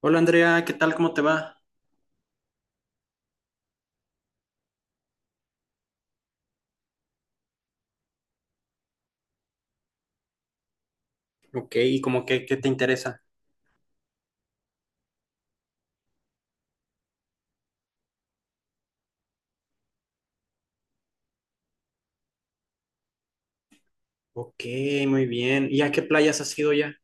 Hola Andrea, ¿qué tal? ¿Cómo te va? Ok, ¿y como que qué te interesa? Ok, muy bien. ¿Y a qué playas has ido ya?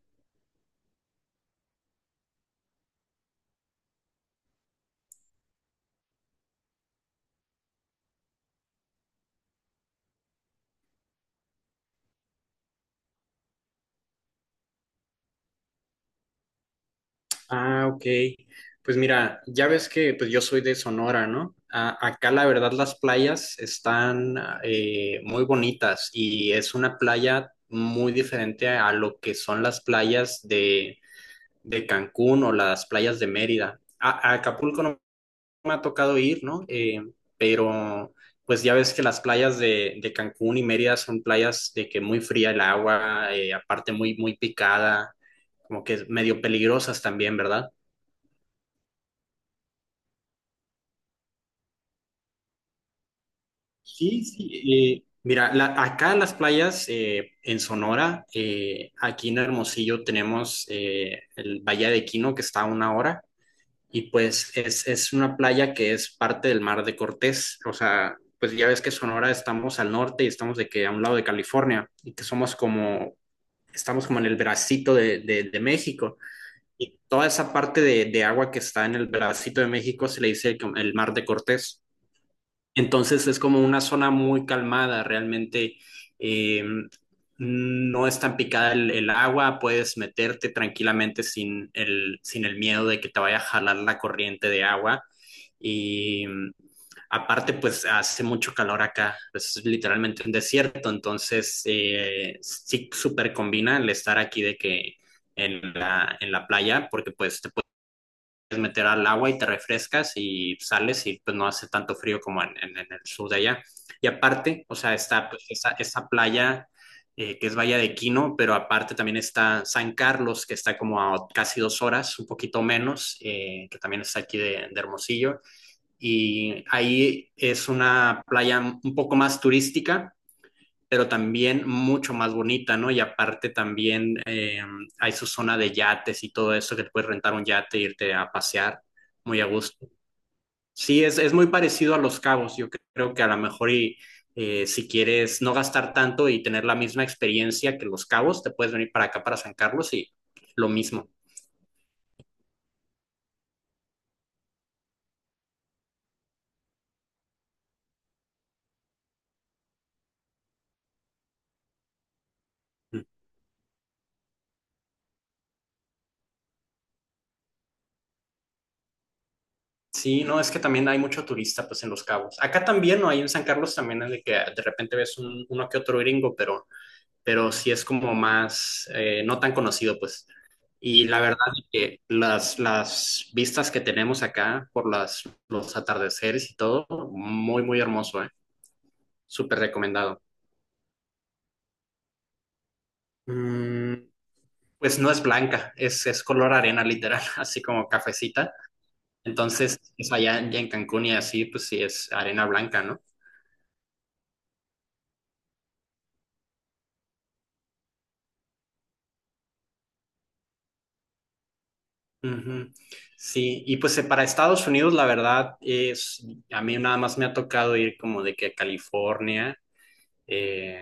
Ah, ok. Pues mira, ya ves que pues yo soy de Sonora, ¿no? Acá la verdad las playas están muy bonitas y es una playa muy diferente a, lo que son las playas de Cancún o las playas de Mérida. A Acapulco no me ha tocado ir, ¿no? Pero pues ya ves que las playas de Cancún y Mérida son playas de que muy fría el agua, aparte muy picada, como que medio peligrosas también, ¿verdad? Sí, sí. Mira, acá las playas en Sonora, aquí en Hermosillo tenemos el Valle de Quino que está a 1 hora. Y pues es una playa que es parte del mar de Cortés, o sea, pues ya ves que Sonora estamos al norte y estamos de que a un lado de California y que somos como, estamos como en el bracito de México y toda esa parte agua que está en el bracito de México se le dice el mar de Cortés. Entonces es como una zona muy calmada, realmente eh, no es tan picada el agua, puedes meterte tranquilamente sin sin el miedo de que te vaya a jalar la corriente de agua. Y aparte, pues hace mucho calor acá, pues, es literalmente un desierto, entonces sí súper combina el estar aquí de que en en la playa, porque pues te meter al agua y te refrescas y sales y pues no hace tanto frío como en el sur de allá. Y aparte, o sea, está pues, esa playa que es Bahía de Quino, pero aparte también está San Carlos, que está como a casi 2 horas, un poquito menos, que también está aquí de Hermosillo. Y ahí es una playa un poco más turística pero también mucho más bonita, ¿no? Y aparte también hay su zona de yates y todo eso, que te puedes rentar un yate e irte a pasear muy a gusto. Sí, es muy parecido a Los Cabos, yo creo que a lo mejor y, si quieres no gastar tanto y tener la misma experiencia que Los Cabos, te puedes venir para acá, para San Carlos y lo mismo. Sí, no, es que también hay mucho turista pues en Los Cabos. Acá también, ¿no? Ahí en San Carlos también es de que de repente ves un, uno que otro gringo, pero sí es como más, no tan conocido, pues. Y la verdad es que las vistas que tenemos acá por las, los atardeceres y todo, muy hermoso, ¿eh? Súper recomendado. Mm, pues no es blanca, es color arena literal, así como cafecita. Entonces, es allá en ya en Cancún y así, pues sí es arena blanca, ¿no? Ujú. Sí, y pues para Estados Unidos, la verdad es, a mí nada más me ha tocado ir como de que a California. Eh,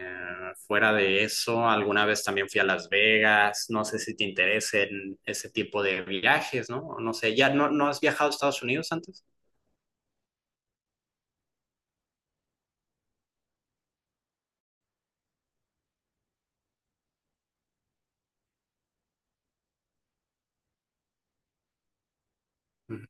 Fuera de eso, alguna vez también fui a Las Vegas. No sé si te interesen ese tipo de viajes, ¿no? No sé, ¿ya no, no has viajado a Estados Unidos antes? Ujú.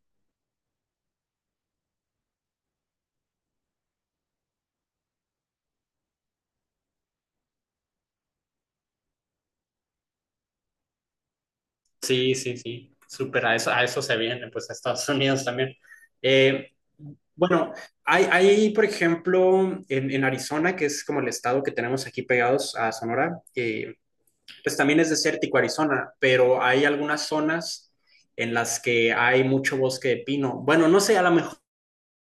Sí, sí, sí. Súper, a eso se viene, pues a Estados Unidos también. Eh, bueno, hay, por ejemplo, en Arizona, que es como el estado que tenemos aquí pegados a Sonora, pues también es desértico Arizona, pero hay algunas zonas en las que hay mucho bosque de pino. Bueno, no sé, a lo mejor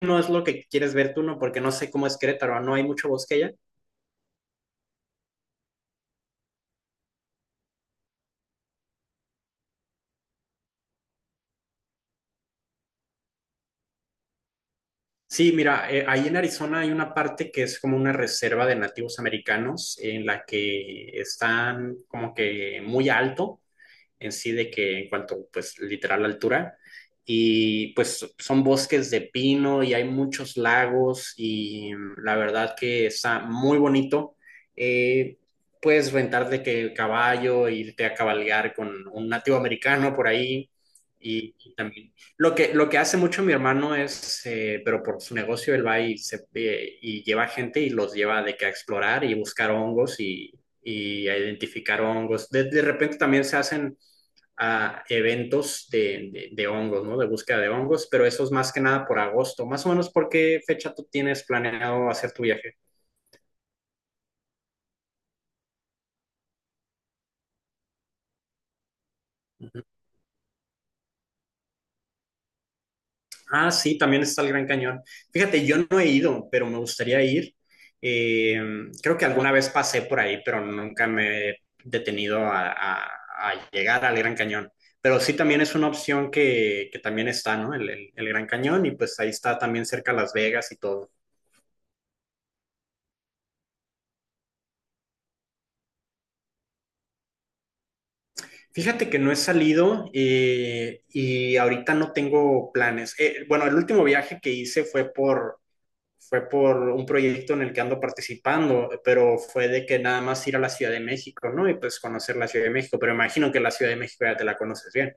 no es lo que quieres ver tú, ¿no? Porque no sé cómo es Querétaro, no hay mucho bosque allá. Sí, mira, ahí en Arizona hay una parte que es como una reserva de nativos americanos en la que están como que muy alto en sí de que en cuanto, pues, literal altura. Y pues son bosques de pino y hay muchos lagos y la verdad que está muy bonito. Eh, Puedes rentar de que caballo, irte a cabalgar con un nativo americano por ahí. Y también lo que hace mucho mi hermano es, pero por su negocio, él va y, se, y lleva gente y los lleva de que a explorar y buscar hongos y a identificar hongos. De repente también se hacen a eventos de hongos, ¿no? De búsqueda de hongos, pero eso es más que nada por agosto. Más o menos, ¿por qué fecha tú tienes planeado hacer tu viaje? Ujú. Ah, sí, también está el Gran Cañón. Fíjate, yo no he ido, pero me gustaría ir. Eh, Creo que alguna vez pasé por ahí, pero nunca me he detenido a, a llegar al Gran Cañón. Pero sí también es una opción que también está, ¿no? El Gran Cañón y pues ahí está también cerca Las Vegas y todo. Fíjate que no he salido y ahorita no tengo planes. Bueno, el último viaje que hice fue por un proyecto en el que ando participando, pero fue de que nada más ir a la Ciudad de México, ¿no? Y pues conocer la Ciudad de México, pero imagino que la Ciudad de México ya te la conoces bien.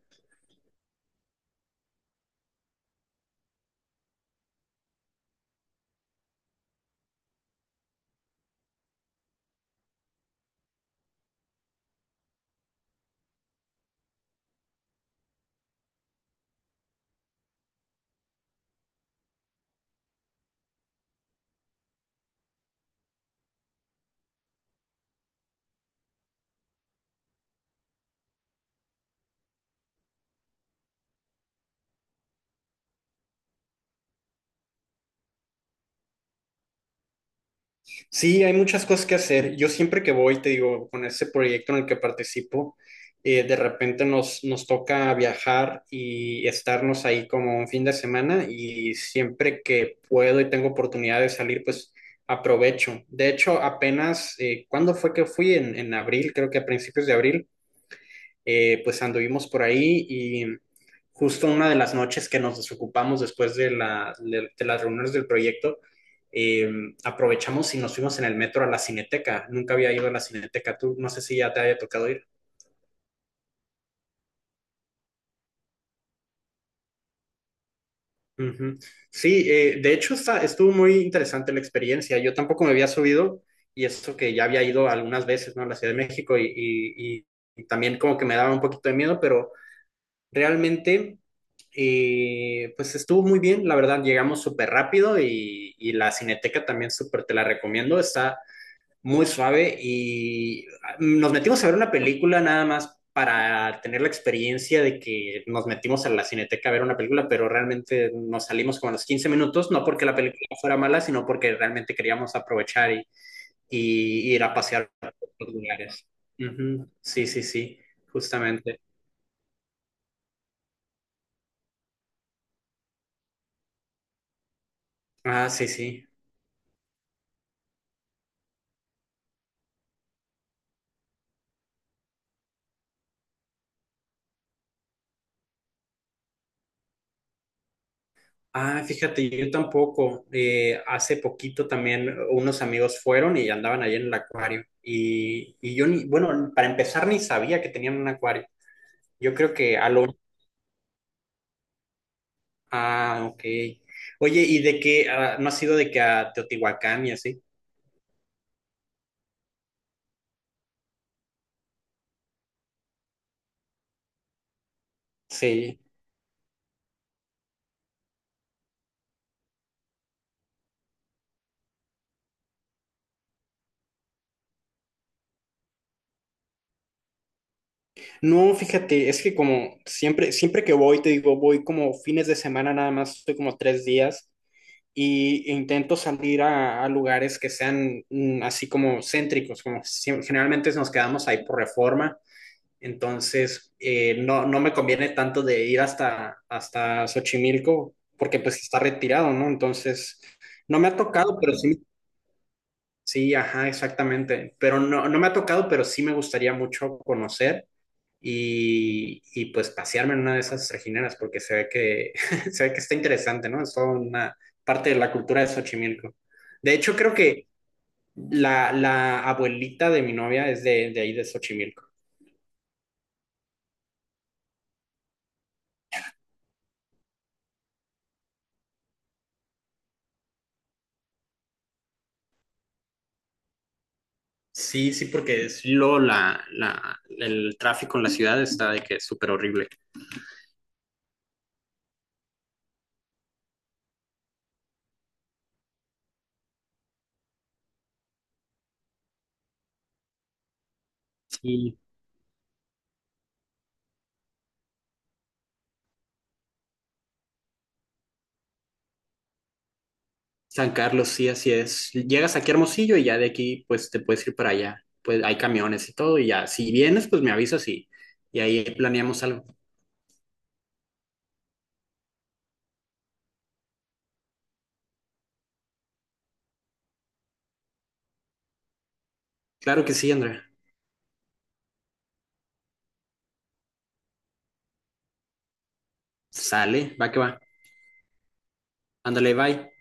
Sí, hay muchas cosas que hacer. Yo siempre que voy, te digo, con ese proyecto en el que participo, de repente nos toca viajar y estarnos ahí como un fin de semana y siempre que puedo y tengo oportunidad de salir, pues aprovecho. De hecho, apenas, ¿cuándo fue que fui? En abril, creo que a principios de abril, pues anduvimos por ahí y justo una de las noches que nos desocupamos después de, de las reuniones del proyecto, eh, aprovechamos y nos fuimos en el metro a la Cineteca. Nunca había ido a la Cineteca, tú no sé si ya te había tocado ir. Ujú. Sí, de hecho estuvo muy interesante la experiencia. Yo tampoco me había subido y eso que ya había ido algunas veces, ¿no? A la Ciudad de México y también como que me daba un poquito de miedo, pero realmente, pues estuvo muy bien, la verdad, llegamos súper rápido y la Cineteca también súper te la recomiendo, está muy suave y ah, nos metimos a ver una película nada más para tener la experiencia de que nos metimos a la Cineteca a ver una película, pero realmente nos salimos como a los 15 minutos, no porque la película fuera mala, sino porque realmente queríamos aprovechar y ir a pasear por otros lugares. Ujú, sí, sí, sí, justamente. Ah, sí, sí. Ah, fíjate, yo tampoco. Hace poquito también unos amigos fueron y andaban ahí en el acuario. Y yo ni, bueno, para empezar ni sabía que tenían un acuario. Yo creo que a lo... Ah, ok. Oye, ¿y de qué? Ah, ¿no ha sido de que a Teotihuacán y así? Sí. No, fíjate, es que como siempre, siempre que voy, te digo, voy como fines de semana nada más, estoy como 3 días. Y intento salir a lugares que sean así como céntricos, como si- generalmente nos quedamos ahí por reforma, entonces no, no me conviene tanto de ir hasta Xochimilco porque pues está retirado, ¿no? Entonces, no me ha tocado, pero sí, sí, ajá, exactamente, pero no, no me ha tocado, pero sí me gustaría mucho conocer y, pues pasearme en una de esas regineras porque se ve que, se ve que está interesante, ¿no? Es toda una parte de la cultura de Xochimilco. De hecho, creo que la abuelita de mi novia es de ahí de Xochimilco. Sí, sí, porque es lo, el tráfico en la ciudad está de que es súper horrible. Sí, San Carlos, sí, así es. Llegas aquí a Hermosillo y ya de aquí, pues te puedes ir para allá. Pues hay camiones y todo, y ya, si vienes, pues me avisas y ahí planeamos algo. Claro que sí, Andrea. Sale, va que va. Ándale, bye.